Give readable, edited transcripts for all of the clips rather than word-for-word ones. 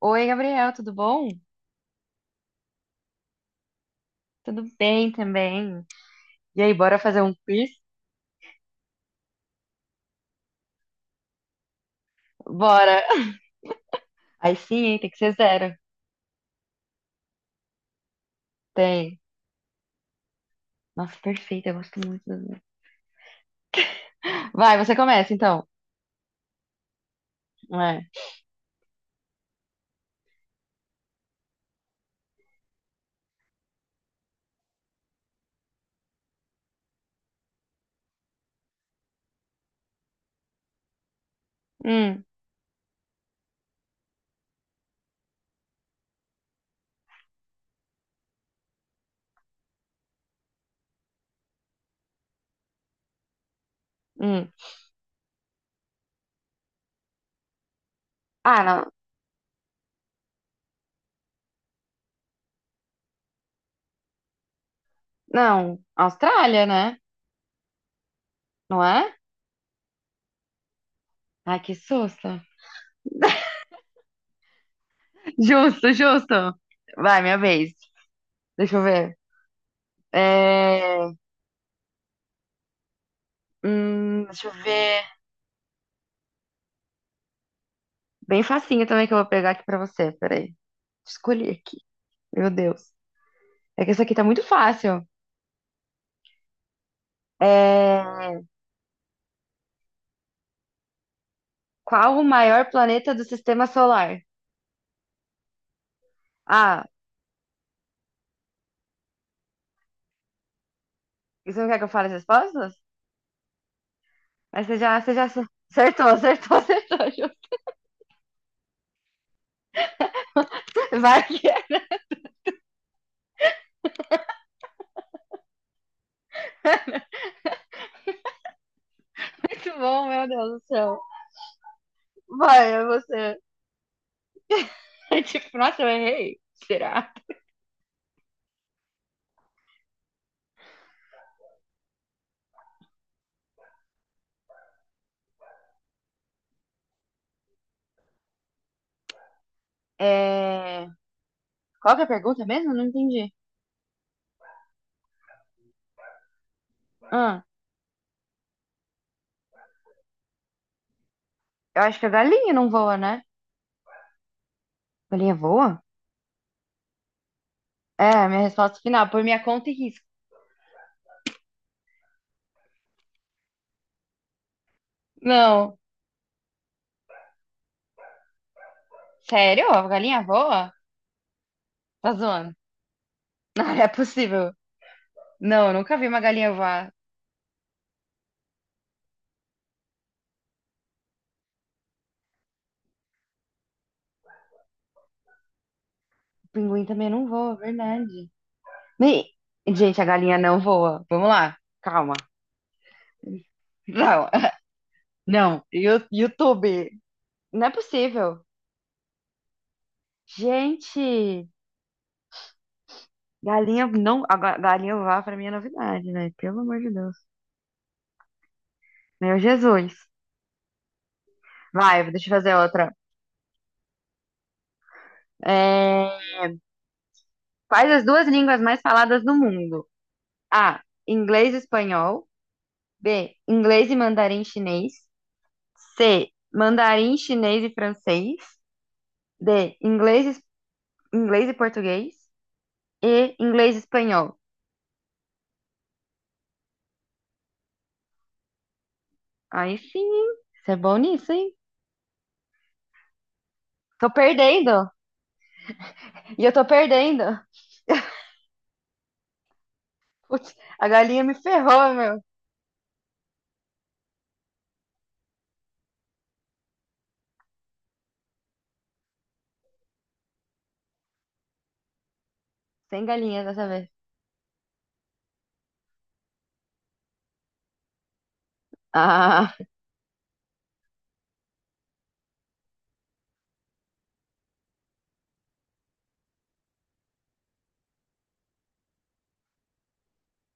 Oi, Gabriel, tudo bom? Tudo bem também. E aí, bora fazer um quiz? Bora! Aí sim, hein? Tem que ser zero. Tem. Nossa, perfeito, eu gosto muito do zero. Vai, você começa então. É. Hum, hum. Ah, não. Não, Austrália, né? Não é? Ai, que susto. Justo, justo. Vai, minha vez. Deixa eu ver. É... deixa eu ver. Bem facinho também que eu vou pegar aqui pra você. Peraí. Escolhi aqui. Meu Deus. É que essa aqui tá muito fácil. É, Qual o maior planeta do sistema solar? Ah, você não quer que eu fale as respostas? Mas você já acertou, acertou, acertou. Ju. Vai que é muito bom, meu Deus do céu. Vai, é você. Tipo, nossa, eu errei. Será? É... Qual que é a pergunta mesmo? Não entendi. Ah, eu acho que a galinha não voa, né? Galinha voa? É, a minha resposta final, por minha conta e risco. Não. Sério? A galinha voa? Tá zoando. Não, é possível. Não, eu nunca vi uma galinha voar. Pinguim também não voa, verdade. Me- Gente, a galinha não voa. Vamos lá, calma. Não, não, YouTube. Não é possível. Gente, galinha não. A galinha voar pra mim é novidade, né? Pelo amor de Deus. Meu Jesus. Vai, deixa eu fazer outra. É, Quais as duas línguas mais faladas no mundo? A. Inglês e espanhol. B. Inglês e mandarim chinês. C. Mandarim chinês e francês. D. Inglês e português e inglês e espanhol. Aí sim, hein? Você é bom nisso, hein? Tô perdendo. E eu tô perdendo. Putz, a galinha me ferrou, meu. Sem galinha dessa vez. Ah,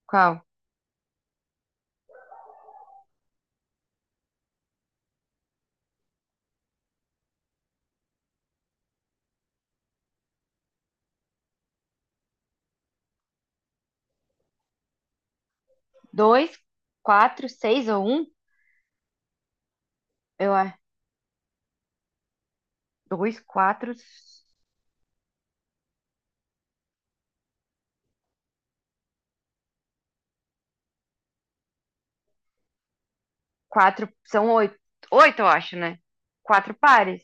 qual? Dois, quatro, seis ou um? Eu acho. Dois, quatro, quatro. São oito. Oito, eu acho, né? Quatro pares.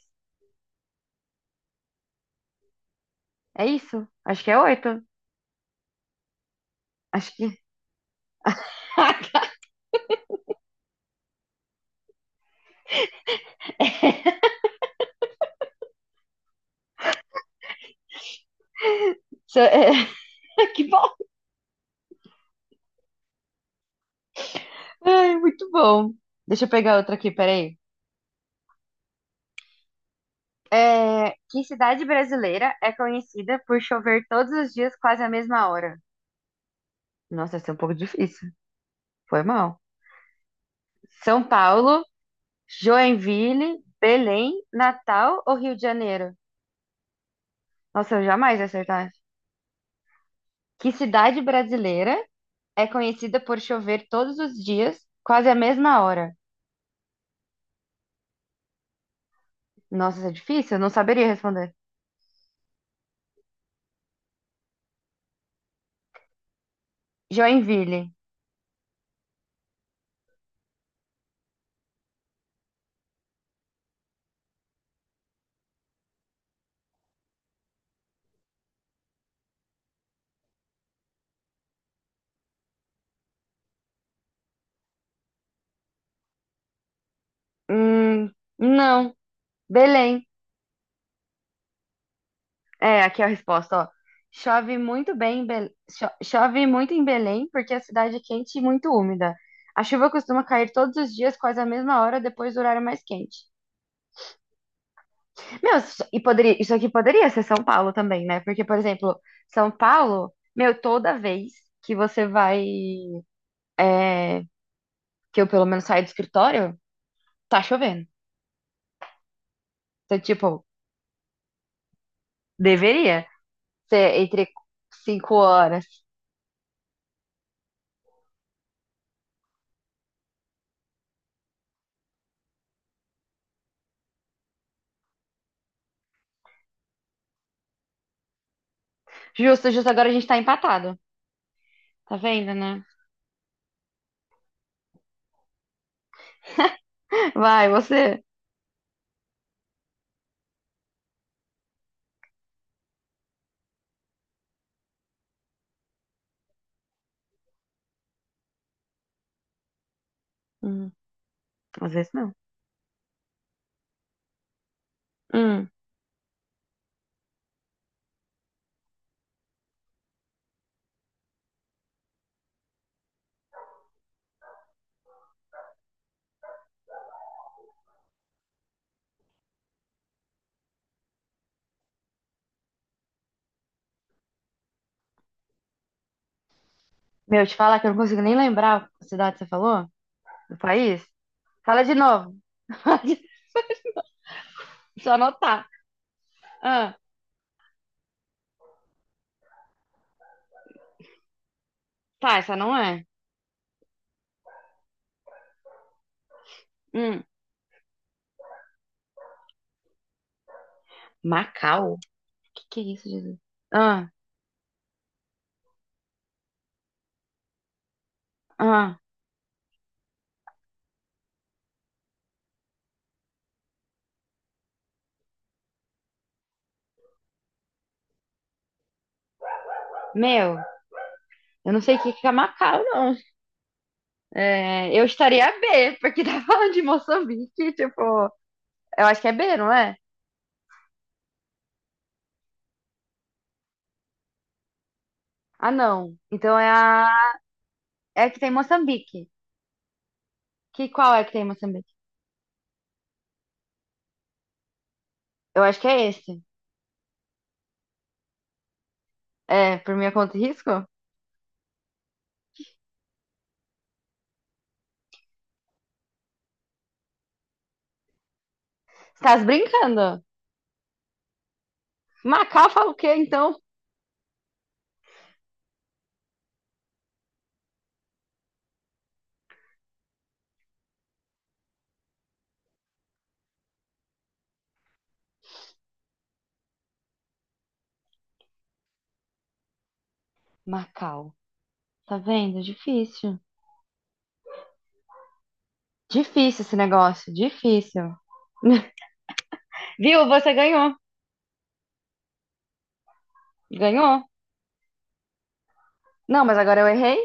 É isso? Acho que é oito. Acho que. Isso é- Que bom. Ai, muito bom. Deixa eu pegar outra aqui, peraí. Que cidade brasileira é conhecida por chover todos os dias quase à mesma hora? Nossa, essa é um pouco difícil. Foi mal. São Paulo, Joinville, Belém, Natal ou Rio de Janeiro? Nossa, eu jamais ia acertar. Que cidade brasileira é conhecida por chover todos os dias quase à mesma hora? Nossa, isso é difícil, eu não saberia responder. Joinville. Hum, não. Belém. É, aqui é a resposta, ó. Chove muito bem em Belém, chove muito em Belém porque a cidade é quente e muito úmida. A chuva costuma cair todos os dias, quase à mesma hora, depois do horário mais quente. Meu, e poderia, isso aqui poderia ser São Paulo também, né? Porque, por exemplo, São Paulo, meu, toda vez que você vai, é, que eu pelo menos saio do escritório, tá chovendo. Então, tipo, deveria ser entre 5 horas. Justo, justo, agora a gente tá empatado. Tá vendo, né? Vai, você. Hum, às vezes não. Hum. Meu, te falar que eu não consigo nem lembrar a cidade que você falou? O país? Fala de novo. Fala de- Só anotar. Ah, tá, essa não é. Hum. Macau? Que é isso, Jesus? Ah, ah. Meu, eu não sei o que que é Macau, não. É, eu estaria B, porque tá falando de Moçambique, tipo. Eu acho que é B, não é? Ah, não. Então é a. É a que tem Moçambique. Qual é que tem Moçambique? Eu acho que é esse. É, por minha conta e risco? Tá brincando? Macau fala o quê, então? Macau. Tá vendo? Difícil. Difícil esse negócio. Difícil. Viu? Você ganhou. Ganhou. Não, mas agora eu errei.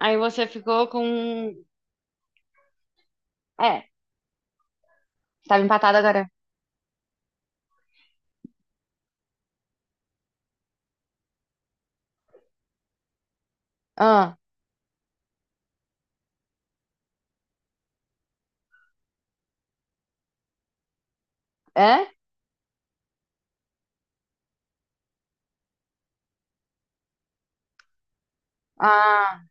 Aí você ficou com. É, estava empatado agora. Ah, é? Ah,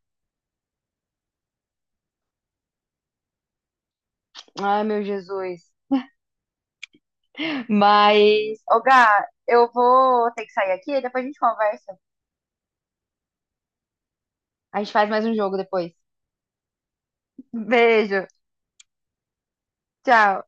ai meu Jesus. Mas, ô Gá, eu vou ter que sair aqui e depois a gente conversa. A gente faz mais um jogo depois. Beijo. Tchau.